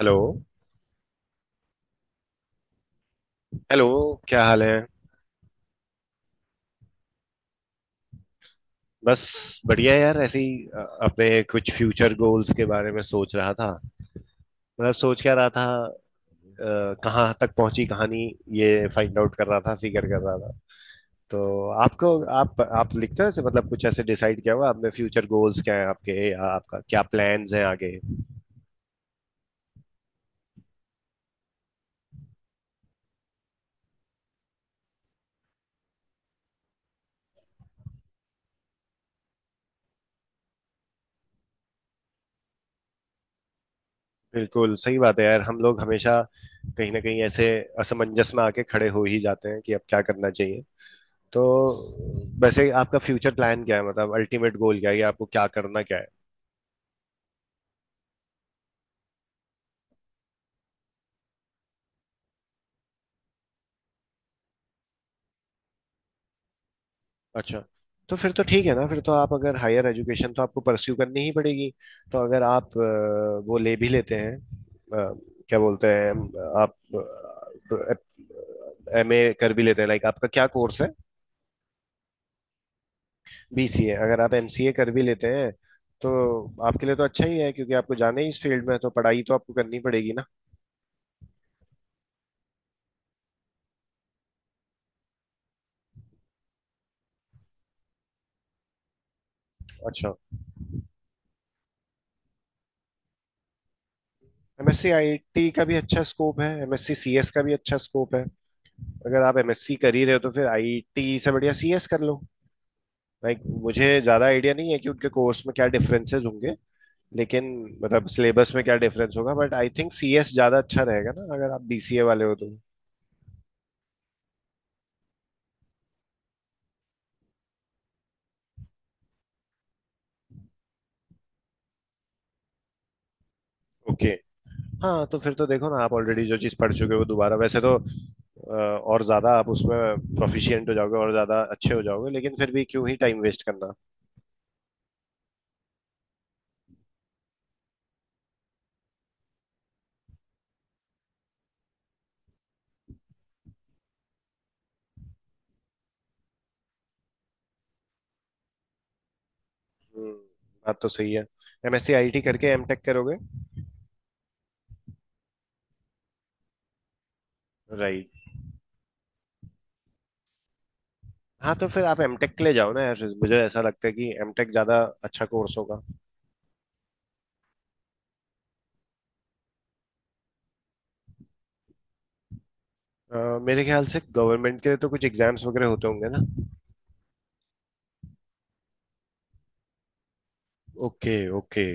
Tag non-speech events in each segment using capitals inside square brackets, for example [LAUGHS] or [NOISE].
Hello. Hello. क्या हाल है? बस। बढ़िया है यार, ऐसे ही अपने कुछ फ्यूचर गोल्स के बारे में सोच रहा था। मतलब सोच क्या रहा था, कहाँ तक पहुंची कहानी, ये फाइंड आउट कर रहा था, फिगर कर रहा था। तो आपको, आप लिखते हो ऐसे, मतलब कुछ ऐसे डिसाइड किया हुआ आपने फ्यूचर गोल्स क्या है आपके, या आपका क्या प्लान्स हैं आगे? बिल्कुल सही बात है यार, हम लोग हमेशा कहीं ना कहीं ऐसे असमंजस में आके खड़े हो ही जाते हैं कि अब क्या करना चाहिए। तो वैसे आपका फ्यूचर प्लान क्या है, मतलब अल्टीमेट गोल क्या है, या आपको क्या करना क्या है? अच्छा। तो फिर तो ठीक है ना, फिर तो आप अगर हायर एजुकेशन, तो आपको परस्यू करनी ही पड़ेगी। तो अगर आप वो ले भी लेते हैं, क्या बोलते हैं, आप एमए कर भी लेते हैं, लाइक आपका क्या कोर्स है? बीसीए? अगर आप एमसीए कर भी लेते हैं तो आपके लिए तो अच्छा ही है, क्योंकि आपको जाना ही इस फील्ड में है, तो पढ़ाई तो आपको करनी पड़ेगी ना। अच्छा। एमएससी आईटी का भी अच्छा स्कोप है, एमएससी सीएस का भी अच्छा स्कोप है। अगर आप एमएससी कर ही रहे हो तो फिर आईटी से बढ़िया सीएस कर लो। लाइक मुझे ज्यादा आइडिया नहीं है कि उनके कोर्स में क्या डिफरेंसेस होंगे, लेकिन मतलब सिलेबस में क्या डिफरेंस होगा, बट आई थिंक सीएस ज्यादा अच्छा रहेगा ना अगर आप बीसीए वाले हो तो। Okay okay। हाँ, तो फिर तो देखो ना, आप ऑलरेडी जो चीज पढ़ चुके हो वो दोबारा, वैसे तो और ज्यादा आप उसमें प्रोफिशिएंट हो जाओगे और ज्यादा अच्छे हो जाओगे, लेकिन फिर भी क्यों ही टाइम वेस्ट करना। हम्म, बात तो सही है। एमएससी आईटी करके एमटेक करोगे? राइट। हाँ, तो फिर आप एमटेक के लिए जाओ ना यार, मुझे ऐसा लगता है कि एमटेक ज्यादा अच्छा कोर्स होगा। मेरे ख्याल से गवर्नमेंट के लिए तो कुछ एग्जाम्स वगैरह होते होंगे ना। Okay okay.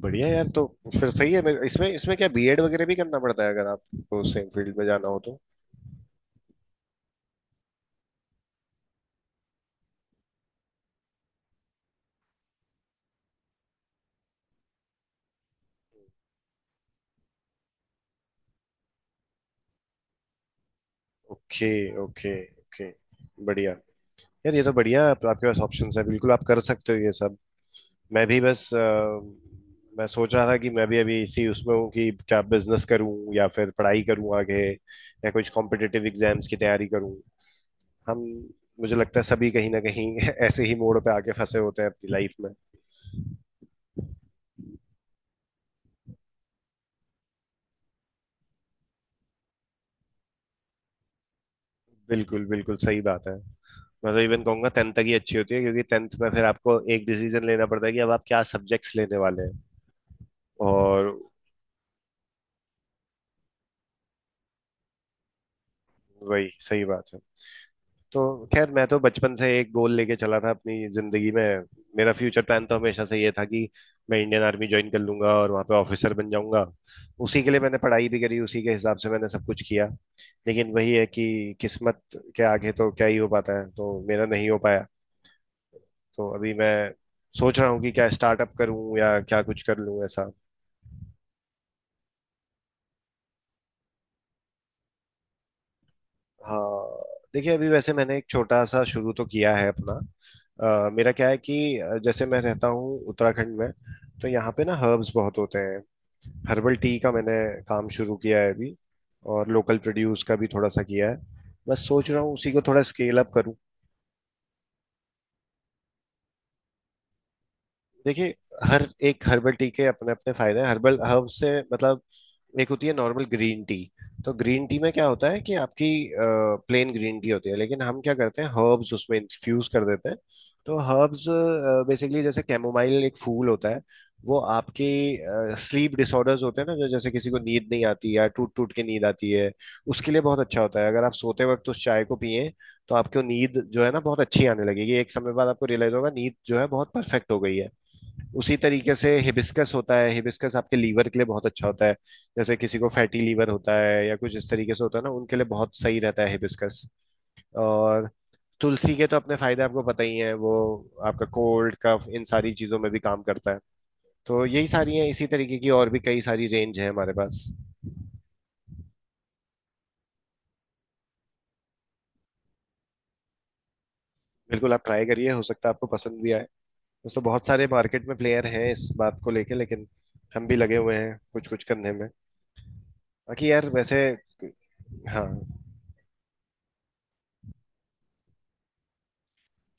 बढ़िया यार। तो फिर सही है। इसमें इसमें क्या बीएड वगैरह भी करना पड़ता है अगर आपको सेम फील्ड में जाना हो तो? ओके। ओके। ओके। बढ़िया यार, ये तो बढ़िया, आपके पास ऑप्शंस है, बिल्कुल आप कर सकते हो ये सब। मैं भी बस मैं सोच रहा था कि मैं भी अभी इसी उसमें हूँ कि क्या बिजनेस करूँ या फिर पढ़ाई करूँ आगे, या कुछ कॉम्पिटिटिव एग्जाम्स की तैयारी करूँ। हम। मुझे लगता है सभी कहीं ना कहीं [LAUGHS] ऐसे ही मोड़ पे आके फंसे होते हैं अपनी लाइफ में। बिल्कुल बिल्कुल सही बात है। मैं तो इवन कहूंगा टेंथ तक ही अच्छी होती है, क्योंकि टेंथ में फिर आपको एक डिसीजन लेना पड़ता है कि अब आप क्या सब्जेक्ट्स लेने वाले हैं और वही सही बात है। तो खैर मैं तो बचपन से एक गोल लेके चला था अपनी जिंदगी में। मेरा फ्यूचर प्लान तो हमेशा से ये था कि मैं इंडियन आर्मी ज्वाइन कर लूंगा और वहां पे ऑफिसर बन जाऊंगा। उसी के लिए मैंने पढ़ाई भी करी, उसी के हिसाब से मैंने सब कुछ किया, लेकिन वही है कि किस्मत के आगे तो क्या ही हो पाता है, तो मेरा नहीं हो पाया। तो अभी मैं सोच रहा हूँ कि क्या स्टार्टअप करूँ या क्या कुछ कर लूँ ऐसा। हाँ, देखिए अभी वैसे मैंने एक छोटा सा शुरू तो किया है अपना। मेरा क्या है कि जैसे मैं रहता हूँ उत्तराखंड में, तो यहाँ पे ना हर्ब्स बहुत होते हैं। हर्बल टी का मैंने काम शुरू किया है अभी, और लोकल प्रोड्यूस का भी थोड़ा सा किया है। बस सोच रहा हूँ उसी को थोड़ा स्केल अप करूँ। देखिए, हर एक हर्बल टी के अपने अपने फायदे हैं, हर्बल हर्ब से मतलब, एक होती है नॉर्मल ग्रीन टी। तो ग्रीन टी में क्या होता है कि आपकी प्लेन ग्रीन टी होती है, लेकिन हम क्या करते हैं हर्ब्स उसमें इन्फ्यूज कर देते हैं। तो हर्ब्स बेसिकली, जैसे कैमोमाइल एक फूल होता है, वो आपकी स्लीप डिसऑर्डर्स होते हैं ना, जो जैसे किसी को नींद नहीं आती या टूट टूट के नींद आती है, उसके लिए बहुत अच्छा होता है अगर आप सोते वक्त उस चाय को पिए। तो आपको नींद जो है ना बहुत अच्छी आने लगेगी, एक समय बाद आपको रियलाइज होगा नींद जो है बहुत परफेक्ट हो गई है। उसी तरीके से हिबिस्कस होता है, हिबिस्कस आपके लीवर के लिए बहुत अच्छा होता है। जैसे किसी को फैटी लीवर होता है या कुछ इस तरीके से होता है ना, उनके लिए बहुत सही रहता है हिबिस्कस। और तुलसी के तो अपने फायदे आपको पता ही है, वो आपका कोल्ड कफ इन सारी चीजों में भी काम करता है। तो यही सारी है, इसी तरीके की और भी कई सारी रेंज है हमारे पास। बिल्कुल आप ट्राई करिए, हो सकता है आपको पसंद भी आए। दोस्तों बहुत सारे मार्केट में प्लेयर हैं इस बात को लेके, लेकिन हम भी लगे हुए हैं कुछ कुछ करने में। बाकी यार वैसे। हाँ।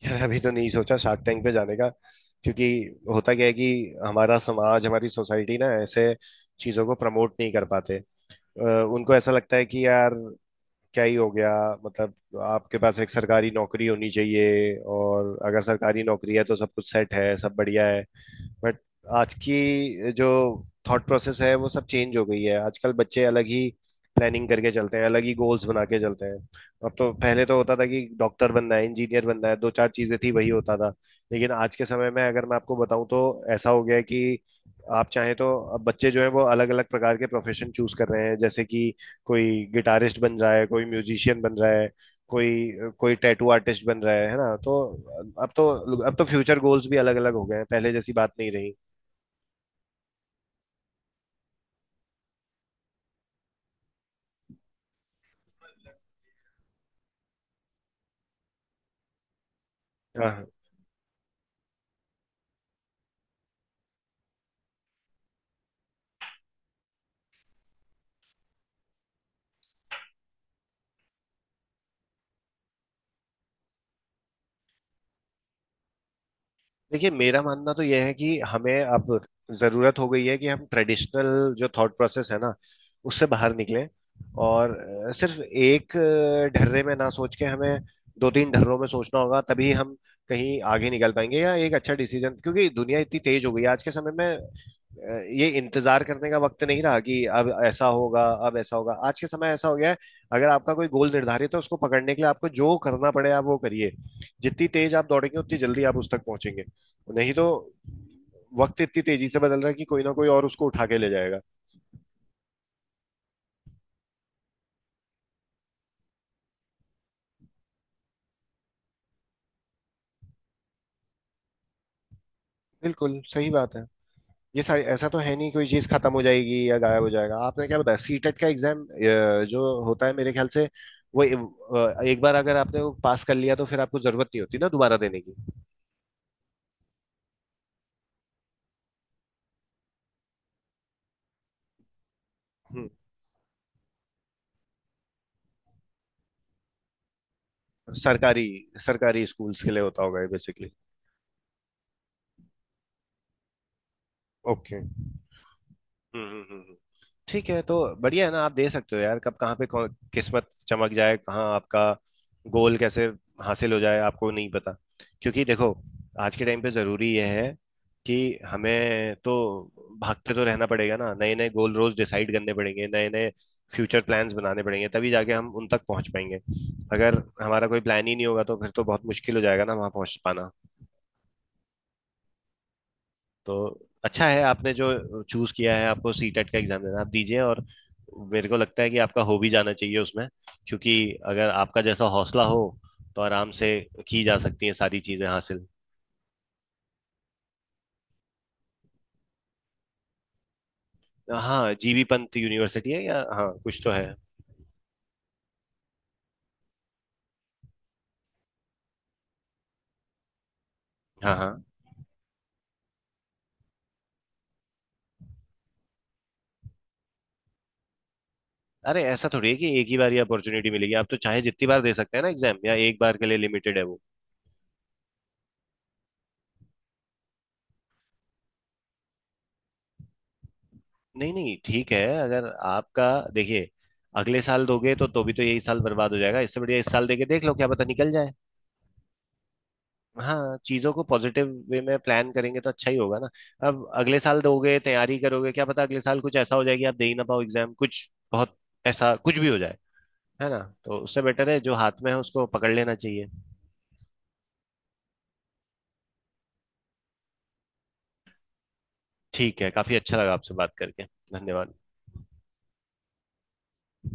यार अभी तो नहीं सोचा शार्क टैंक पे जाने का, क्योंकि होता क्या है कि हमारा समाज, हमारी सोसाइटी ना ऐसे चीजों को प्रमोट नहीं कर पाते। अ, उनको ऐसा लगता है कि यार क्या ही हो गया, मतलब आपके पास एक सरकारी नौकरी होनी चाहिए और अगर सरकारी नौकरी है तो सब कुछ सेट है, सब बढ़िया है। बट आज की जो थॉट प्रोसेस है वो सब चेंज हो गई है, आजकल बच्चे अलग ही प्लानिंग करके चलते हैं, अलग ही गोल्स बना के चलते हैं। अब तो पहले तो होता था कि डॉक्टर बनना है, इंजीनियर बनना है, दो चार चीजें थी वही होता था। लेकिन आज के समय में अगर मैं आपको बताऊं तो ऐसा हो गया है कि आप चाहें तो, अब बच्चे जो है वो अलग अलग प्रकार के प्रोफेशन चूज कर रहे हैं, जैसे कि कोई गिटारिस्ट बन रहा है, कोई म्यूजिशियन बन रहा है, कोई कोई टैटू आर्टिस्ट बन रहा है ना? तो अब तो, अब तो फ्यूचर गोल्स भी अलग अलग हो गए हैं, पहले जैसी बात नहीं रही। हाँ देखिए मेरा मानना तो यह है कि हमें अब जरूरत हो गई है कि हम ट्रेडिशनल जो थॉट प्रोसेस है ना उससे बाहर निकलें। और सिर्फ एक ढर्रे में ना सोच के हमें दो तीन ढर्रों में सोचना होगा, तभी हम कहीं आगे निकल पाएंगे या एक अच्छा डिसीजन। क्योंकि दुनिया इतनी तेज हो गई है आज के समय में, ये इंतजार करने का वक्त नहीं रहा कि अब ऐसा होगा अब ऐसा होगा, आज के समय ऐसा हो गया है अगर आपका कोई गोल निर्धारित है उसको पकड़ने के लिए आपको जो करना पड़े आप वो करिए। जितनी तेज आप दौड़ेंगे उतनी जल्दी आप उस तक पहुंचेंगे, नहीं तो वक्त इतनी तेजी से बदल रहा है कि कोई ना कोई और उसको उठा के ले जाएगा। बिल्कुल सही बात है। ये सारी ऐसा तो है नहीं कोई चीज खत्म हो जाएगी या गायब हो जाएगा। आपने क्या बताया, सीटेट का एग्जाम जो होता है, मेरे ख्याल से वो एक बार अगर आपने वो पास कर लिया तो फिर आपको जरूरत नहीं होती ना दोबारा देने की। हम्म। सरकारी सरकारी स्कूल्स के लिए होता होगा ये बेसिकली। ओके। हम्म हम्म हम्म, हम्म। ठीक है, तो बढ़िया है ना, आप दे सकते हो यार। कब कहाँ पे किस्मत चमक जाए, कहाँ आपका गोल कैसे हासिल हो जाए, आपको नहीं पता। क्योंकि देखो आज के टाइम पे जरूरी यह है कि हमें तो भागते तो रहना पड़ेगा ना, नए नए गोल रोज डिसाइड करने पड़ेंगे, नए नए फ्यूचर प्लान्स बनाने पड़ेंगे, तभी जाके हम उन तक पहुंच पाएंगे। अगर हमारा कोई प्लान ही नहीं होगा तो फिर तो बहुत मुश्किल हो जाएगा ना वहां पहुंच पाना। तो अच्छा है आपने जो चूज किया है, आपको सीटेट का एग्जाम देना है, आप दीजिए। और मेरे को लगता है कि आपका हो भी जाना चाहिए उसमें, क्योंकि अगर आपका जैसा हौसला हो तो आराम से की जा सकती हैं सारी चीजें हासिल। हाँ जीबी पंत यूनिवर्सिटी है, या हाँ कुछ तो है। हाँ हाँ। अरे ऐसा थोड़ी है कि एक ही बार ही अपॉर्चुनिटी मिलेगी, आप तो चाहे जितनी बार दे सकते हैं ना एग्जाम, या एक बार के लिए लिमिटेड है वो? नहीं नहीं ठीक है, अगर आपका देखिए अगले साल दोगे तो भी तो यही साल बर्बाद हो जाएगा, इससे बढ़िया इस साल देके देख लो क्या पता निकल जाए। हाँ चीजों को पॉजिटिव वे में प्लान करेंगे तो अच्छा ही होगा ना। अब अगले साल दोगे तैयारी करोगे, क्या पता अगले साल कुछ ऐसा हो जाए कि आप दे ही ना पाओ एग्जाम, कुछ बहुत ऐसा कुछ भी हो जाए, है ना? तो उससे बेटर है जो हाथ में है उसको पकड़ लेना चाहिए। ठीक है, काफी अच्छा लगा आपसे बात करके। धन्यवाद।